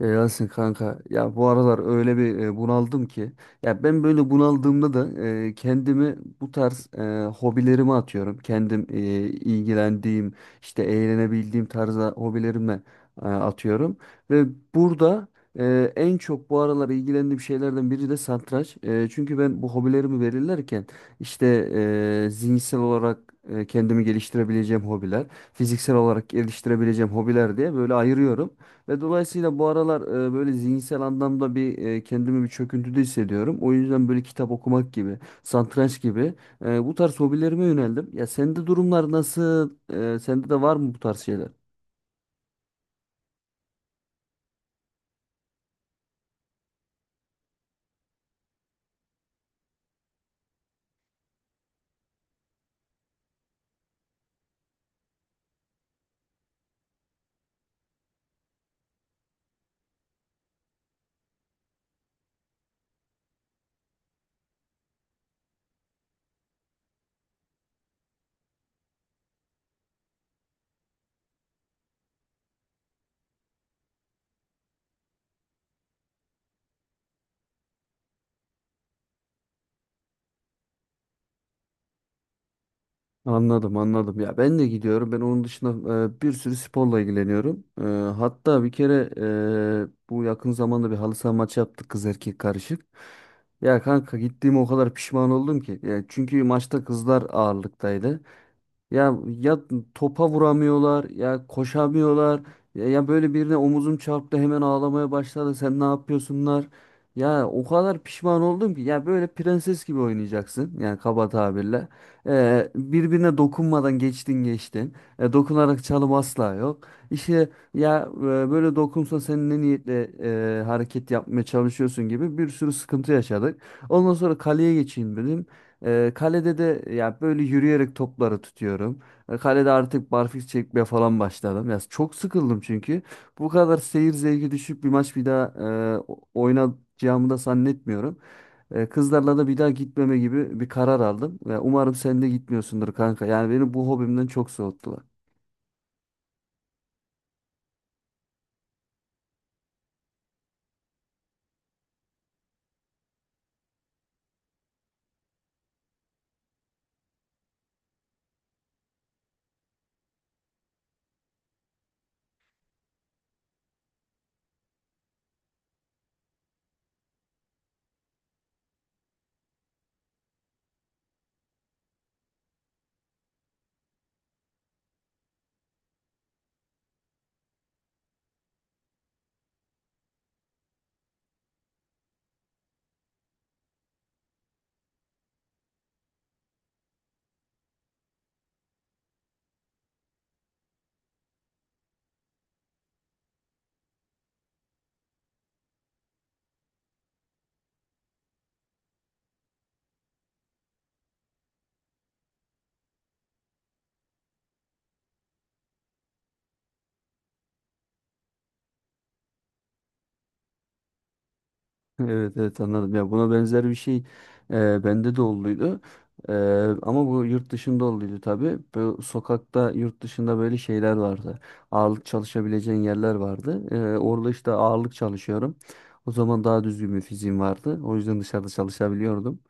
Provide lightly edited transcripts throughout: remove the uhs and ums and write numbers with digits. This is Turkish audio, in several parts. Ya Yasin kanka ya bu aralar öyle bir bunaldım ki ya ben böyle bunaldığımda da kendimi bu tarz hobilerime atıyorum. Kendim ilgilendiğim işte eğlenebildiğim tarzda hobilerime atıyorum. Ve burada en çok bu aralar ilgilendiğim şeylerden biri de satranç. Çünkü ben bu hobilerimi belirlerken işte zihinsel olarak kendimi geliştirebileceğim hobiler, fiziksel olarak geliştirebileceğim hobiler diye böyle ayırıyorum. Ve dolayısıyla bu aralar böyle zihinsel anlamda bir kendimi bir çöküntüde hissediyorum. O yüzden böyle kitap okumak gibi, satranç gibi bu tarz hobilerime yöneldim. Ya sende durumlar nasıl? Sende de var mı bu tarz şeyler? Anladım, anladım. Ya ben de gidiyorum. Ben onun dışında bir sürü sporla ilgileniyorum. Hatta bir kere bu yakın zamanda bir halı saha maçı yaptık, kız erkek karışık. Ya kanka, gittiğime o kadar pişman oldum ki. Ya çünkü maçta kızlar ağırlıktaydı. Ya ya topa vuramıyorlar, ya koşamıyorlar. Ya böyle birine omuzum çarptı, hemen ağlamaya başladı. Sen ne yapıyorsunlar? Ya o kadar pişman oldum ki, ya böyle prenses gibi oynayacaksın yani, kaba tabirle. Birbirine dokunmadan geçtin geçtin. Dokunarak çalım asla yok. İşte ya, böyle dokunsa sen ne niyetle hareket yapmaya çalışıyorsun gibi bir sürü sıkıntı yaşadık. Ondan sonra kaleye geçeyim dedim. Kalede de ya böyle yürüyerek topları tutuyorum. Kalede artık barfiks çekmeye falan başladım. Ya çok sıkıldım çünkü. Bu kadar seyir zevki düşük bir maç bir daha oynayacağımı da zannetmiyorum. Kızlarla da bir daha gitmeme gibi bir karar aldım. Ya umarım sen de gitmiyorsundur kanka. Yani beni bu hobimden çok soğuttular. Evet, evet, anladım. Ya buna benzer bir şey bende de olduydu. E, Ama bu yurt dışında olduydu tabii. Bu sokakta yurt dışında böyle şeyler vardı. Ağırlık çalışabileceğin yerler vardı. Orada işte ağırlık çalışıyorum. O zaman daha düzgün bir fiziğim vardı. O yüzden dışarıda çalışabiliyordum.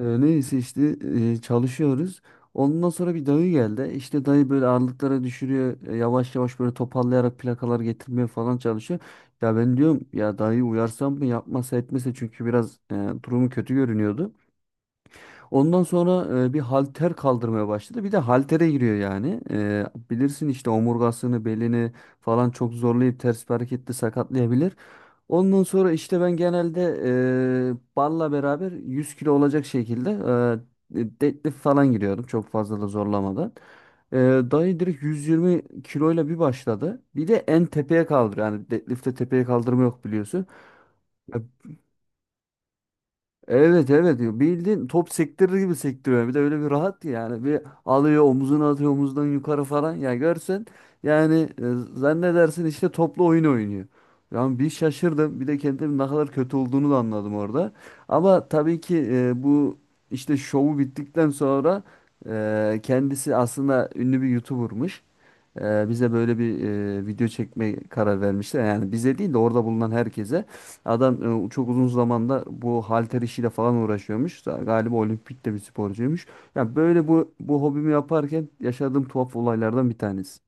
Neyse işte çalışıyoruz. Ondan sonra bir dayı geldi. İşte dayı böyle ağırlıklara düşürüyor. Yavaş yavaş böyle toparlayarak plakalar getirmeye falan çalışıyor. Ya ben diyorum ya dayı uyarsam mı yapmasa etmese çünkü biraz durumu kötü görünüyordu. Ondan sonra bir halter kaldırmaya başladı. Bir de haltere giriyor yani. E, bilirsin işte omurgasını, belini falan çok zorlayıp ters bir hareketle sakatlayabilir. Ondan sonra işte ben genelde barla beraber 100 kilo olacak şekilde deadlift falan giriyordum. Çok fazla da zorlamadan. E, Dayı direkt 120 kiloyla bir başladı. Bir de en tepeye kaldır. Yani deadlift'te tepeye kaldırma yok biliyorsun. Evet, evet, diyor. Bildiğin top sektirir gibi sektiriyor. Bir de öyle bir rahat ki yani. Bir alıyor omuzuna atıyor, omuzdan yukarı falan. Ya görsen yani, zannedersin işte toplu oyun oynuyor. Yani bir şaşırdım. Bir de kendim ne kadar kötü olduğunu da anladım orada. Ama tabii ki bu işte şovu bittikten sonra kendisi aslında ünlü bir YouTuber'mış. Bize böyle bir video çekme karar vermişler. Yani bize değil de orada bulunan herkese. Adam çok uzun zamanda bu halter işiyle falan uğraşıyormuş. Galiba olimpikte bir sporcuymuş. Ya böyle bu hobimi yaparken yaşadığım tuhaf olaylardan bir tanesi.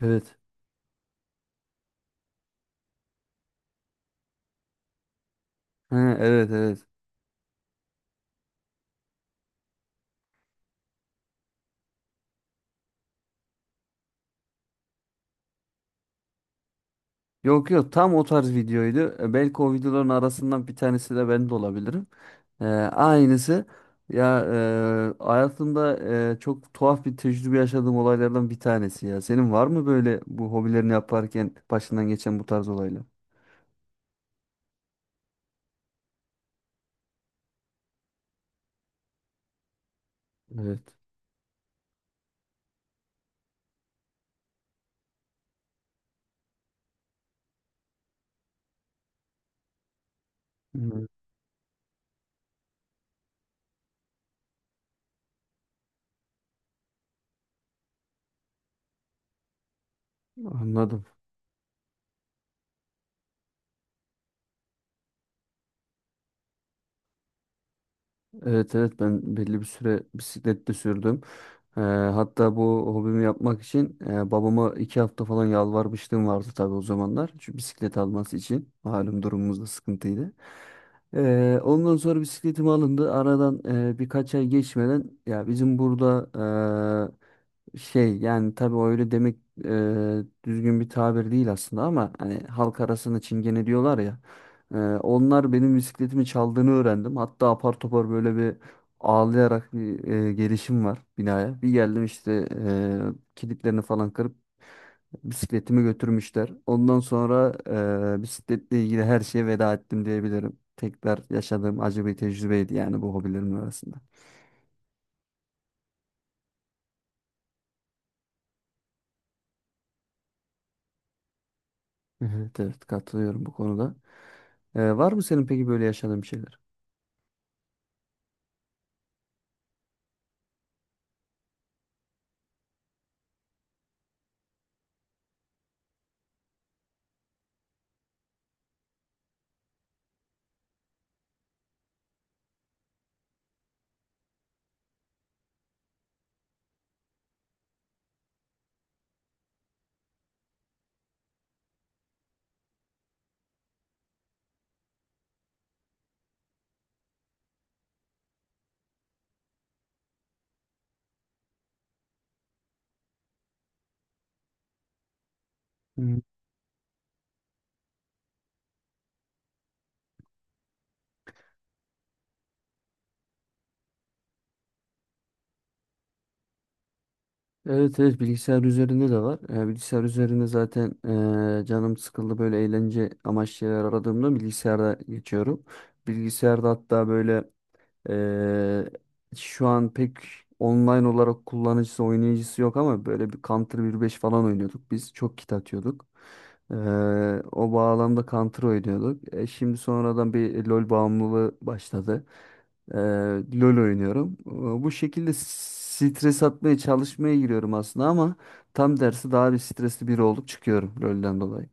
Evet. Ha, evet, evet. Yok, yok, tam o tarz videoydu. E, belki o videoların arasından bir tanesi de ben de olabilirim. Aynısı. Ya hayatımda çok tuhaf bir tecrübe yaşadığım olaylardan bir tanesi ya. Senin var mı böyle bu hobilerini yaparken başından geçen bu tarz olaylar? Evet. Hı. Anladım. Evet, evet, ben belli bir süre bisiklet de sürdüm. Hatta bu hobimi yapmak için babama iki hafta falan yalvarmışlığım vardı tabii o zamanlar. Şu bisiklet alması için. Malum durumumuz da sıkıntıydı. Ondan sonra bisikletim alındı. Aradan birkaç ay geçmeden ya bizim burada şey yani tabii o öyle demek düzgün bir tabir değil aslında ama hani halk arasında çingene diyorlar ya. Onlar benim bisikletimi çaldığını öğrendim. Hatta apar topar böyle bir ağlayarak bir gelişim var binaya. Bir geldim işte kilitlerini falan kırıp bisikletimi götürmüşler. Ondan sonra bisikletle ilgili her şeye veda ettim diyebilirim. Tekrar yaşadığım acı bir tecrübeydi yani bu hobilerimin arasında. Evet, evet, katılıyorum bu konuda. Var mı senin peki böyle yaşadığın şeyler? Hı. Evet, evet, bilgisayar üzerinde de var. Bilgisayar üzerinde zaten canım sıkıldı böyle eğlence amaçlı şeyler aradığımda bilgisayarda geçiyorum. Bilgisayarda hatta böyle Ee, şu an pek online olarak kullanıcısı, oynayıcısı yok ama böyle bir Counter 1.5 falan oynuyorduk biz. Çok kit atıyorduk. Ee, O bağlamda Counter oynuyorduk. E, şimdi sonradan bir LoL bağımlılığı başladı. Ee, LoL oynuyorum. Bu şekilde stres atmaya çalışmaya giriyorum aslında ama tam dersi daha bir stresli biri olup çıkıyorum LoL'den dolayı.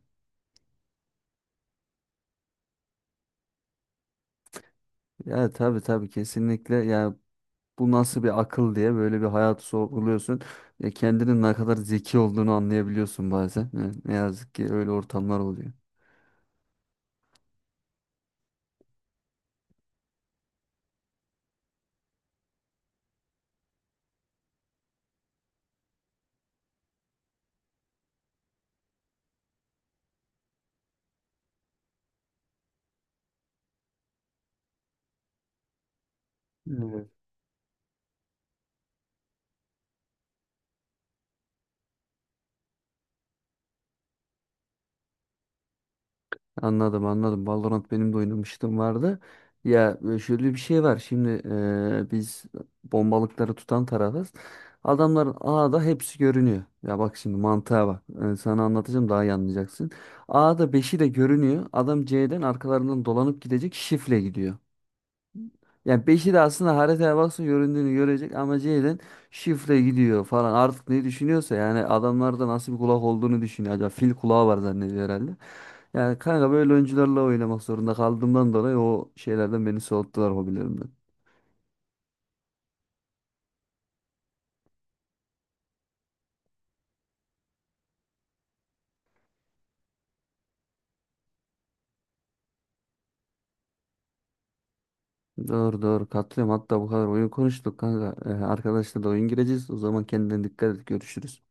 Ya tabii, tabii, kesinlikle. Ya bu nasıl bir akıl diye böyle bir hayatı sorguluyorsun. Kendinin ne kadar zeki olduğunu anlayabiliyorsun bazen. E, ne yazık ki öyle ortamlar oluyor. Evet. Anladım, anladım. Valorant benim de oynamıştım vardı. Ya şöyle bir şey var. Şimdi biz bombalıkları tutan tarafız. Adamların A'da hepsi görünüyor. Ya bak şimdi mantığa bak. Sana anlatacağım daha iyi anlayacaksın. A'da beşi de görünüyor. Adam C'den arkalarından dolanıp gidecek, şifle gidiyor. Yani beşi de aslında haritaya baksın göründüğünü görecek ama Jalen şifre gidiyor falan, artık ne düşünüyorsa yani adamlarda nasıl bir kulak olduğunu düşünüyor. Acaba fil kulağı var zannediyor herhalde. Yani kanka böyle oyuncularla oynamak zorunda kaldığımdan dolayı o şeylerden beni soğuttular, hobilerimden. Doğru, doğru, katılıyorum, hatta bu kadar oyun konuştuk kanka. Arkadaşlar da oyun gireceğiz, o zaman kendine dikkat et, görüşürüz.